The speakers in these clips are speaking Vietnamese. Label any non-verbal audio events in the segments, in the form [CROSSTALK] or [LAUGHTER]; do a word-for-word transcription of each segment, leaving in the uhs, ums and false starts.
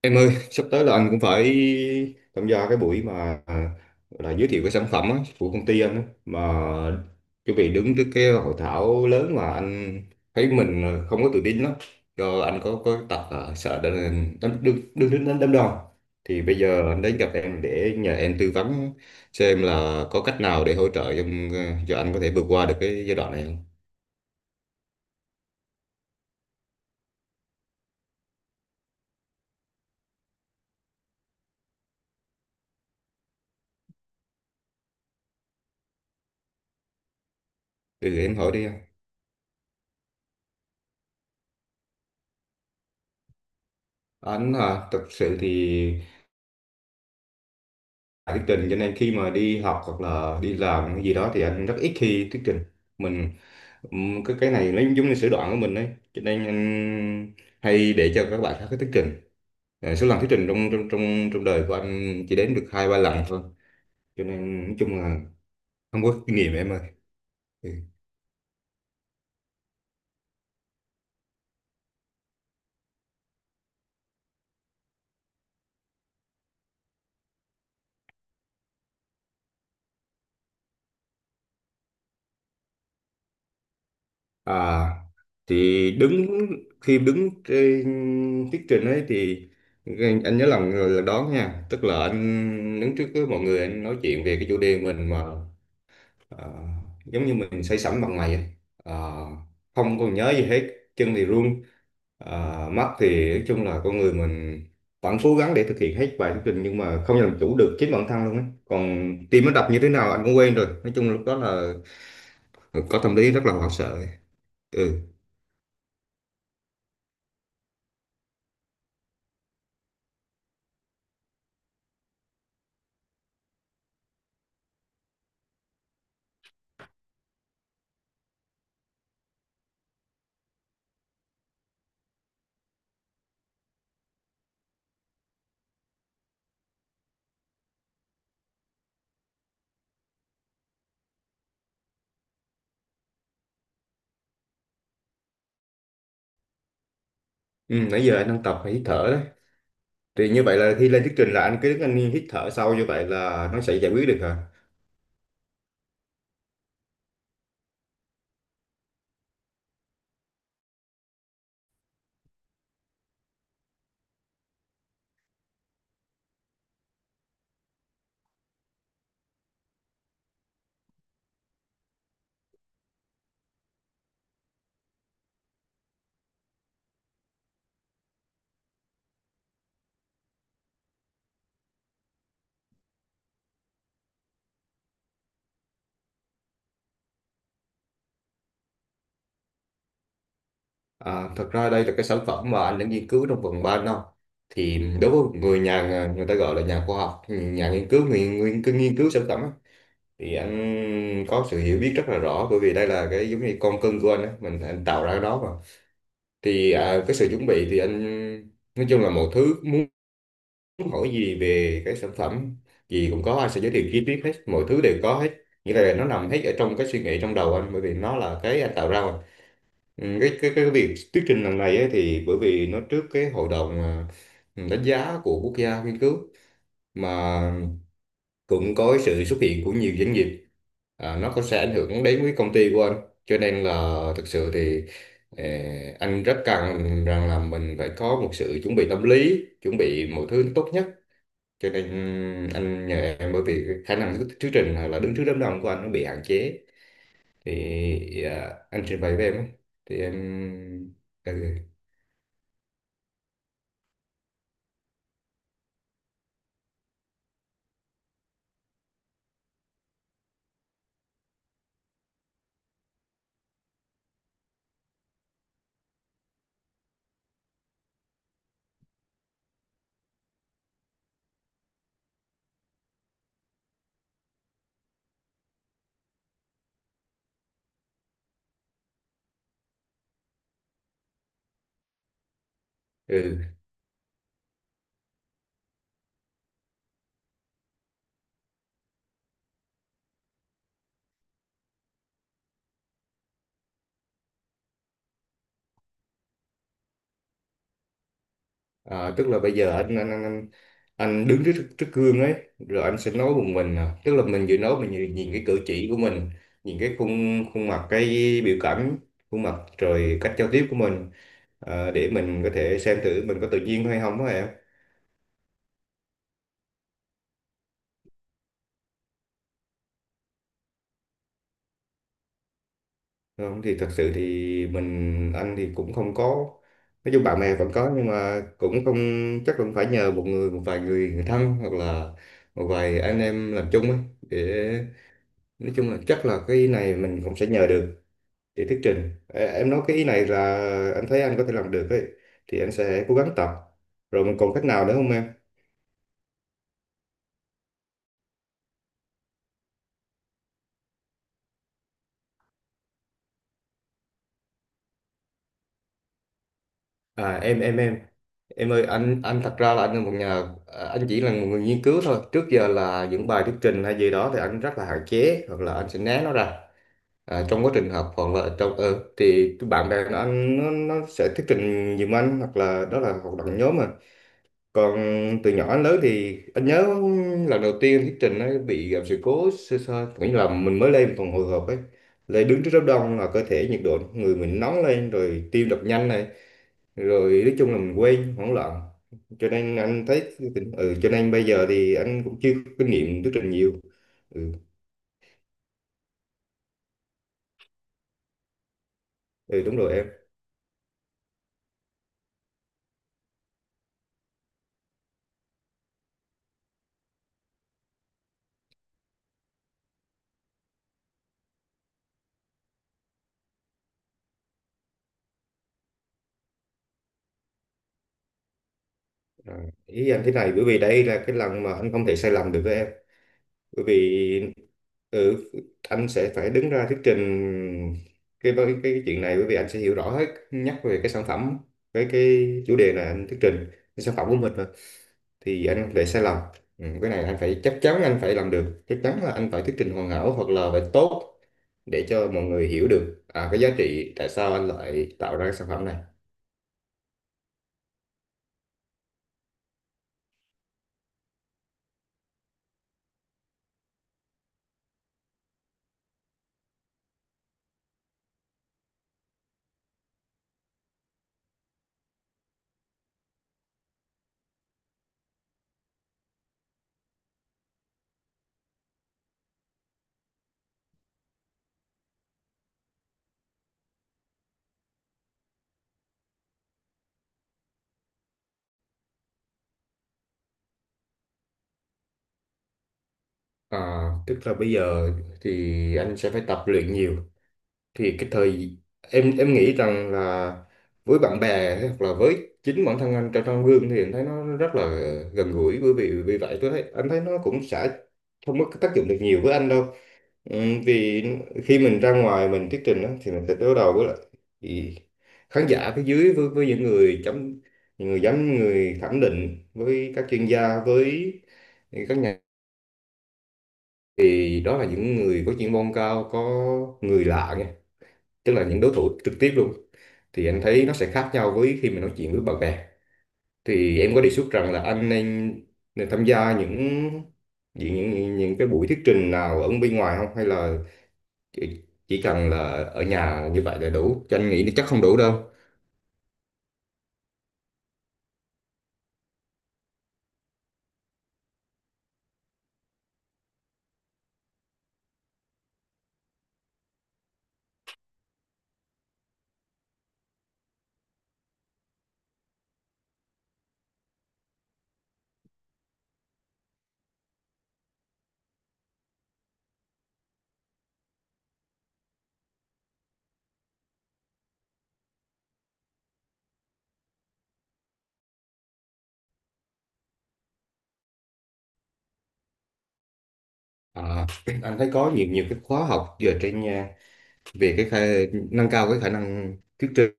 Em ơi, sắp tới là anh cũng phải tham gia cái buổi mà à, gọi là giới thiệu cái sản phẩm á, của công ty anh á, mà chuẩn bị đứng trước cái hội thảo lớn mà anh thấy mình không có tự tin lắm, do anh có có tật là sợ đánh đánh đứng đứng đứng đánh đám đông. Thì bây giờ anh đến gặp em để nhờ em tư vấn xem là có cách nào để hỗ trợ cho, cho anh có thể vượt qua được cái giai đoạn này không? Thì em hỏi đi anh. Anh à, thật sự thì bài thuyết trình cho nên khi mà đi học hoặc là đi làm cái gì đó thì anh rất ít khi thuyết trình mình ừm, cái cái này nó giống như sở đoạn của mình đấy, cho nên anh hay để cho các bạn khác cái thuyết trình. Ờ, số lần thuyết trình trong trong trong trong đời của anh chỉ đến được hai ba lần thôi, cho nên nói chung là không có kinh nghiệm em ơi. Ừ. à thì đứng, khi đứng trên thuyết trình ấy thì anh anh nhớ lần là đón nha, tức là anh đứng trước với mọi người anh nói chuyện về cái chủ đề mình mà. Ờ, Giống như mình say sẩm bằng mày ấy. Ờ, Không còn nhớ gì hết, chân thì run. Ờ, mắt thì nói chung là con người mình vẫn cố gắng để thực hiện hết bài thuyết trình nhưng mà không làm chủ được chính bản thân luôn ấy, còn tim nó đập như thế nào anh cũng quên rồi, nói chung lúc đó là có tâm lý rất là hoảng sợ. ừ, ừ, nãy giờ anh đang tập hít thở đấy. Thì như vậy là khi lên thuyết trình là anh cứ đứng anh hít thở sau, như vậy là nó sẽ giải quyết được hả? À, thật ra đây là cái sản phẩm mà anh đã nghiên cứu trong vòng ba năm, thì đối với người nhà, người ta gọi là nhà khoa học nhà nghiên cứu, người, người, cứ nghiên cứu sản phẩm á, thì anh có sự hiểu biết rất là rõ bởi vì đây là cái giống như con cưng của anh á, mình anh tạo ra cái đó mà. Thì à, cái sự chuẩn bị thì anh nói chung là mọi thứ muốn hỏi gì về cái sản phẩm gì cũng có, anh sẽ giới thiệu chi tiết hết, mọi thứ đều có hết, nghĩa là nó nằm hết ở trong cái suy nghĩ trong đầu anh, bởi vì nó là cái anh tạo ra mà. Ừ, cái cái cái việc thuyết trình lần này ấy, thì bởi vì nó trước cái hội đồng à, đánh giá của quốc gia nghiên cứu mà, cũng có cái sự xuất hiện của nhiều doanh nghiệp, à, nó có sẽ ảnh hưởng đến với công ty của anh, cho nên là thực sự thì ờ, anh rất cần rằng là mình phải có một sự chuẩn bị tâm lý, chuẩn bị mọi thứ tốt nhất, cho nên anh nhờ em bởi vì khả năng thuyết thuyết trình hoặc là đứng trước đám đông của anh nó bị hạn chế. Thì à, anh trình bày với em ấy, thì em ừ. Ừ. Ờ, tức là bây giờ anh anh anh, anh anh đứng trước trước gương ấy, rồi anh sẽ nói một mình à. Tức là mình vừa nói mình nhìn, nhìn cái cử chỉ của mình, nhìn cái khuôn khuôn mặt, cái biểu cảm khuôn mặt, rồi cách giao tiếp của mình, ờ, để mình có thể xem thử mình có tự nhiên hay không á em. Không thì thật sự thì mình anh thì cũng không có, nói chung bạn bè vẫn có nhưng mà cũng không chắc, cũng phải nhờ một người, một vài người, người thân hoặc là một vài anh em làm chung ấy, để nói chung là chắc là cái ý này mình cũng sẽ nhờ được để thuyết trình. Ê, em nói cái ý này là anh thấy anh có thể làm được ấy, thì anh sẽ cố gắng tập, rồi mình còn cách nào nữa không em? à em em em em ơi, anh anh thật ra là anh là một nhà à, anh chỉ là một người nghiên cứu thôi, trước giờ là những bài thuyết trình hay gì đó thì anh rất là hạn chế, hoặc là anh sẽ né nó ra. À, trong quá trình học hoặc là trong ờ thì cái bạn bè của anh nó, nó sẽ thuyết trình giùm anh, hoặc là đó là hoạt động nhóm mà, còn từ nhỏ đến lớn thì anh nhớ lần đầu tiên thuyết trình ấy bị gặp sự cố sơ sơ, nghĩa là mình mới lên phòng hồi hộp ấy, lên đứng trước đám đông là cơ thể nhiệt độ người mình nóng lên, rồi tim đập nhanh này, rồi nói chung là mình quên, hoảng loạn, cho nên anh thấy tình- ừ cho nên bây giờ thì anh cũng chưa có kinh nghiệm thuyết trình nhiều. ừ, ừ, đúng rồi em. À, ý anh thế này, bởi vì đây là cái lần mà anh không thể sai lầm được với em, bởi vì ừ, anh sẽ phải đứng ra thuyết trình cái cái cái chuyện này, bởi vì anh sẽ hiểu rõ hết nhắc về cái sản phẩm, với cái chủ đề này anh thuyết trình cái sản phẩm của mình mà, thì anh không thể sai lầm. Ừ, cái này anh phải chắc chắn anh phải làm được, chắc chắn là anh phải thuyết trình hoàn hảo hoặc là phải tốt, để cho mọi người hiểu được à, cái giá trị tại sao anh lại tạo ra cái sản phẩm này. À, tức là bây giờ thì anh sẽ phải tập luyện nhiều. Thì cái thời em em nghĩ rằng là với bạn bè hoặc là với chính bản thân anh trong trong gương thì anh thấy nó rất là gần gũi, bởi vì vì vậy tôi thấy anh thấy nó cũng sẽ không có tác dụng được nhiều với anh đâu. Ừm, vì khi mình ra ngoài mình thuyết trình á, thì mình sẽ đối đầu với lại thì khán giả phía dưới với với những người chấm, những người giám, người thẩm định, với các chuyên gia, với các nhà, thì đó là những người có chuyên môn cao, có người lạ nha, tức là những đối thủ trực tiếp luôn, thì anh thấy nó sẽ khác nhau với khi mình nói chuyện với bạn bè. Thì em có đề xuất rằng là anh nên, nên tham gia những những, những những cái buổi thuyết trình nào ở bên ngoài không, hay là chỉ, chỉ cần là ở nhà như vậy là đủ, cho anh nghĩ nó chắc không đủ đâu. À, [CLEARS THROAT] anh thấy có nhiều nhiều cái khóa học giờ trên nhà về cái khả, nâng cao cái khả năng thuyết trình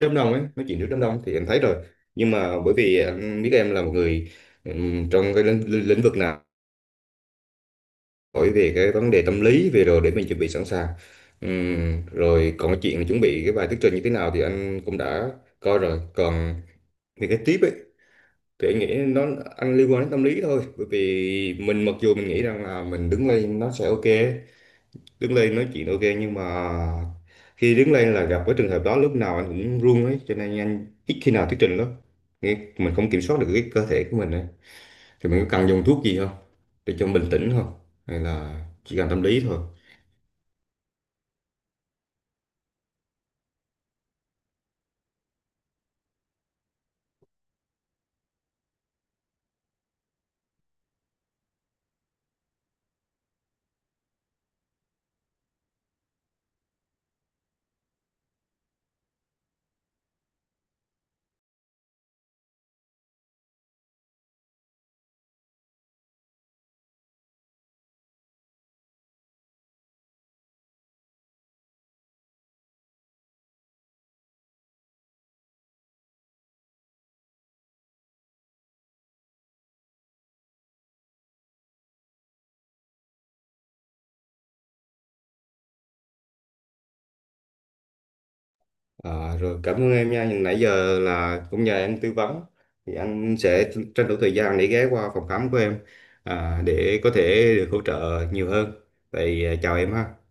trước đám đông ấy, nói chuyện trước đám đông thì anh thấy rồi, nhưng mà bởi vì anh biết em là một người ừm, trong cái lĩnh, lĩnh lĩnh vực nào, hỏi về cái vấn đề tâm lý về rồi để mình chuẩn bị sẵn sàng. Ừm, rồi còn cái chuyện chuẩn bị cái bài thuyết trình như thế nào thì anh cũng đã coi rồi, còn về cái tiếp ấy thì anh nghĩ nó anh liên quan đến tâm lý thôi, bởi vì mình mặc dù mình nghĩ rằng là mình đứng lên nó sẽ ok, đứng lên nói chuyện ok, nhưng mà khi đứng lên là gặp cái trường hợp đó lúc nào anh cũng run ấy, cho nên anh ít khi nào thuyết trình lắm. Nghĩ mình không kiểm soát được cái cơ thể của mình ấy, thì mình có cần dùng thuốc gì không, để cho bình tĩnh không, hay là chỉ cần tâm lý thôi? Ờ, rồi cảm ơn em nha. Nhưng nãy giờ là cũng nhờ em tư vấn, thì anh sẽ tranh thủ thời gian để ghé qua phòng khám của em, à, để có thể được hỗ trợ nhiều hơn. Vậy à, chào em ha.